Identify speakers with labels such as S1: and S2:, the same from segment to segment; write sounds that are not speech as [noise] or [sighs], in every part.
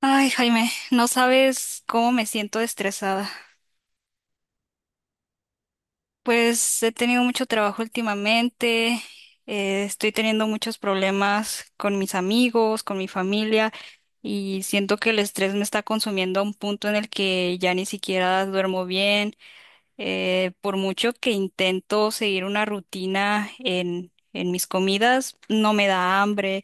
S1: Ay, Jaime, no sabes cómo me siento estresada. Pues he tenido mucho trabajo últimamente, estoy teniendo muchos problemas con mis amigos, con mi familia, y siento que el estrés me está consumiendo a un punto en el que ya ni siquiera duermo bien. Por mucho que intento seguir una rutina en mis comidas, no me da hambre.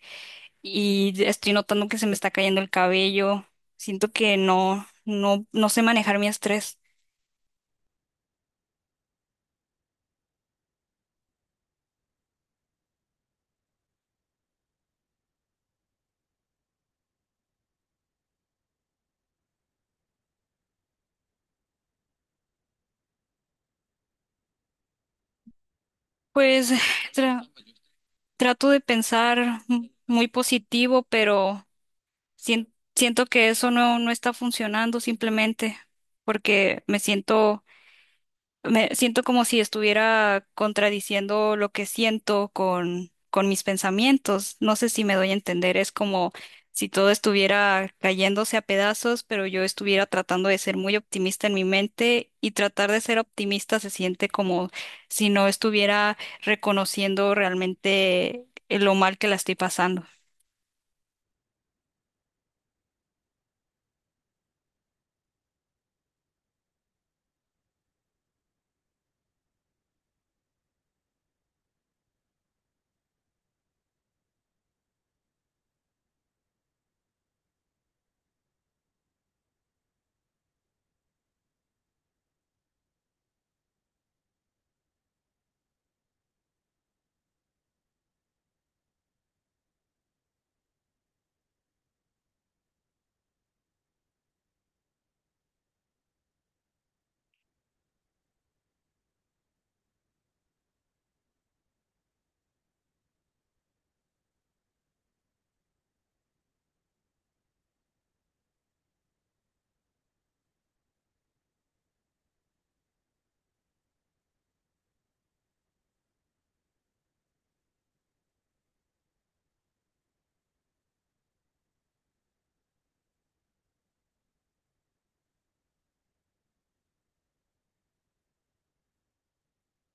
S1: Y estoy notando que se me está cayendo el cabello. Siento que no sé manejar mi estrés. Pues [sighs] tra- trato de pensar muy positivo, pero siento que eso no está funcionando simplemente porque me siento como si estuviera contradiciendo lo que siento con mis pensamientos. No sé si me doy a entender. Es como si todo estuviera cayéndose a pedazos, pero yo estuviera tratando de ser muy optimista en mi mente, y tratar de ser optimista se siente como si no estuviera reconociendo realmente lo mal que la estoy pasando.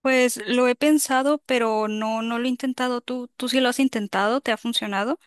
S1: Pues lo he pensado, pero no lo he intentado. ¿Tú sí lo has intentado? ¿Te ha funcionado?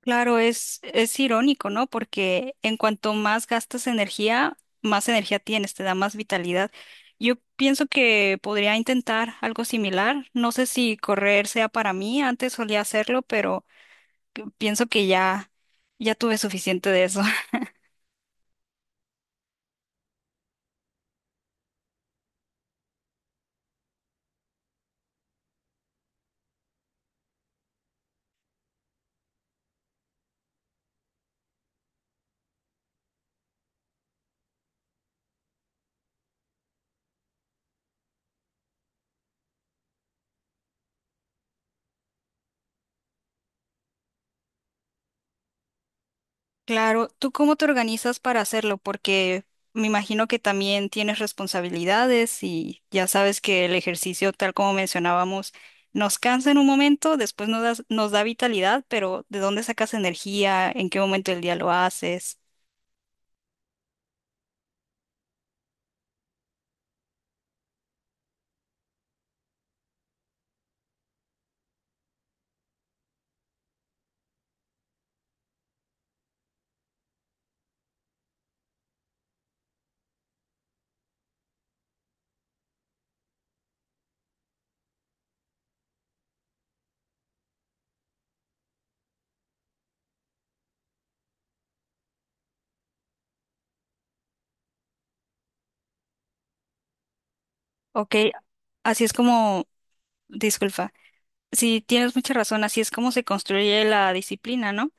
S1: Claro, es irónico, ¿no? Porque en cuanto más gastas energía, más energía tienes, te da más vitalidad. Yo pienso que podría intentar algo similar. No sé si correr sea para mí, antes solía hacerlo, pero pienso que ya tuve suficiente de eso. Claro, ¿tú cómo te organizas para hacerlo? Porque me imagino que también tienes responsabilidades y ya sabes que el ejercicio, tal como mencionábamos, nos cansa en un momento, después nos da vitalidad, pero ¿de dónde sacas energía? ¿En qué momento del día lo haces? Ok, así es como, disculpa, sí, tienes mucha razón, así es como se construye la disciplina, ¿no?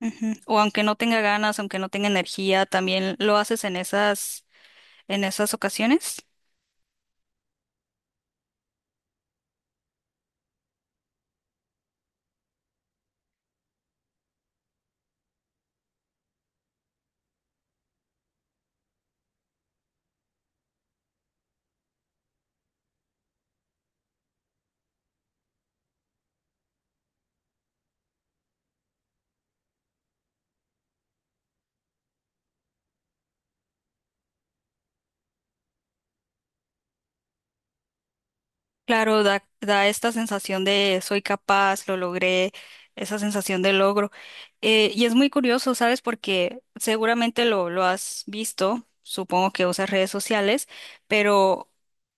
S1: Ujú. O aunque no tenga ganas, aunque no tenga energía, también lo haces en en esas ocasiones. Claro, da esta sensación de soy capaz, lo logré, esa sensación de logro. Y es muy curioso, ¿sabes? Porque seguramente lo has visto, supongo que usas redes sociales, pero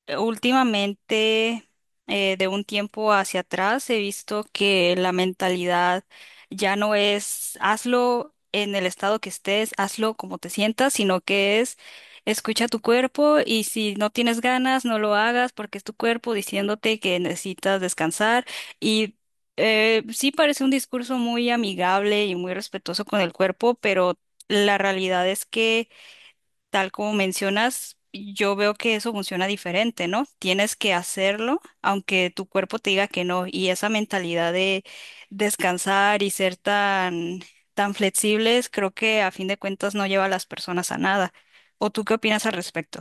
S1: últimamente, de un tiempo hacia atrás, he visto que la mentalidad ya no es hazlo en el estado que estés, hazlo como te sientas, sino que es escucha tu cuerpo, y si no tienes ganas, no lo hagas porque es tu cuerpo diciéndote que necesitas descansar. Y sí parece un discurso muy amigable y muy respetuoso con el cuerpo, pero la realidad es que, tal como mencionas, yo veo que eso funciona diferente, ¿no? Tienes que hacerlo aunque tu cuerpo te diga que no. Y esa mentalidad de descansar y ser tan flexibles, creo que a fin de cuentas no lleva a las personas a nada. ¿O tú qué opinas al respecto?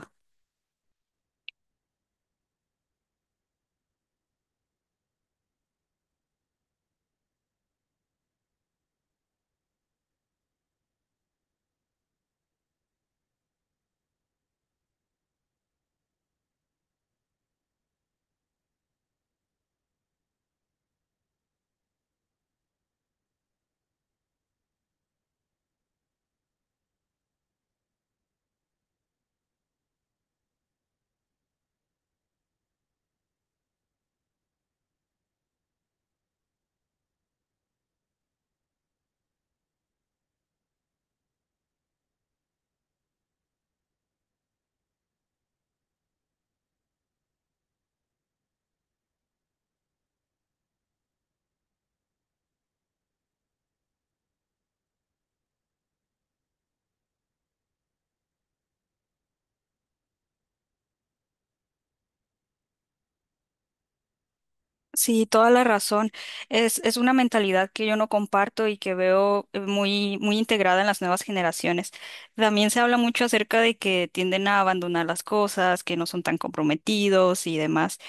S1: Sí, toda la razón. Es una mentalidad que yo no comparto y que veo muy integrada en las nuevas generaciones. También se habla mucho acerca de que tienden a abandonar las cosas, que no son tan comprometidos y demás.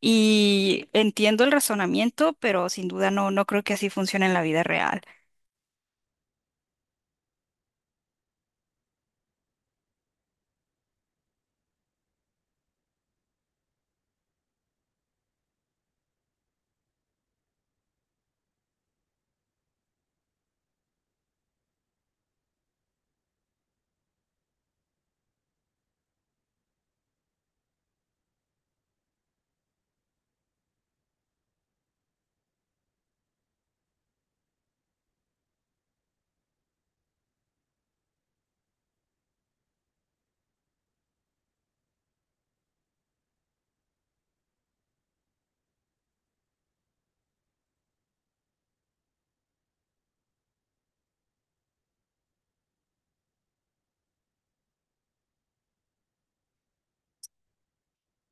S1: Y entiendo el razonamiento, pero sin duda no creo que así funcione en la vida real.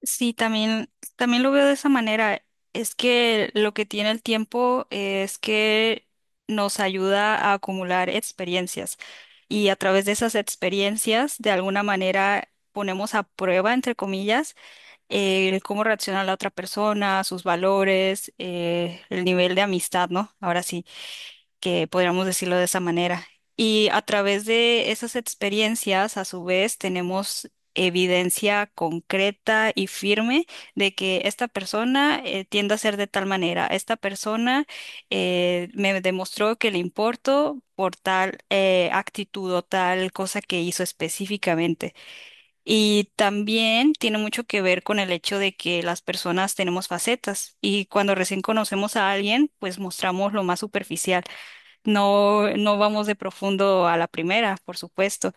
S1: Sí, también lo veo de esa manera. Es que lo que tiene el tiempo es que nos ayuda a acumular experiencias, y a través de esas experiencias, de alguna manera, ponemos a prueba, entre comillas, el cómo reacciona la otra persona, sus valores, el nivel de amistad, ¿no? Ahora sí que podríamos decirlo de esa manera. Y a través de esas experiencias, a su vez, tenemos evidencia concreta y firme de que esta persona tiende a ser de tal manera. Esta persona me demostró que le importo por tal actitud o tal cosa que hizo específicamente. Y también tiene mucho que ver con el hecho de que las personas tenemos facetas, y cuando recién conocemos a alguien, pues mostramos lo más superficial. No vamos de profundo a la primera, por supuesto.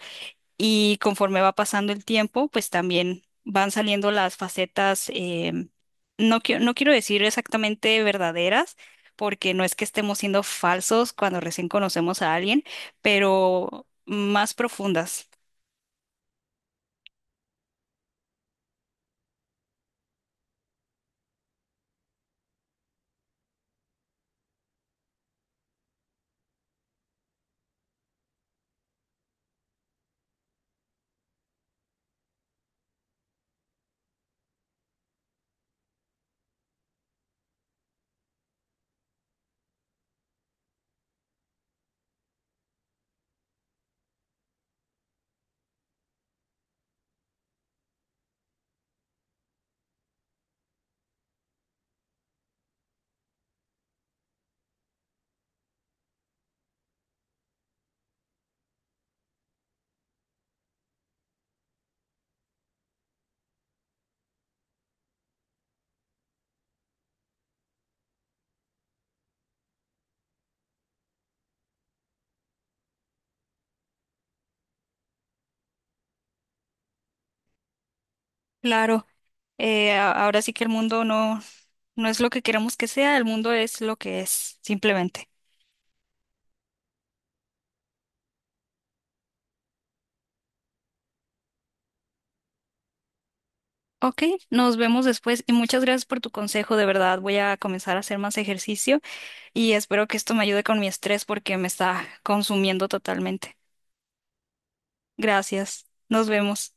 S1: Y conforme va pasando el tiempo, pues también van saliendo las facetas, no quiero decir exactamente verdaderas, porque no es que estemos siendo falsos cuando recién conocemos a alguien, pero más profundas. Claro, ahora sí que el mundo no es lo que queremos que sea, el mundo es lo que es, simplemente. Ok, nos vemos después y muchas gracias por tu consejo, de verdad voy a comenzar a hacer más ejercicio y espero que esto me ayude con mi estrés porque me está consumiendo totalmente. Gracias, nos vemos.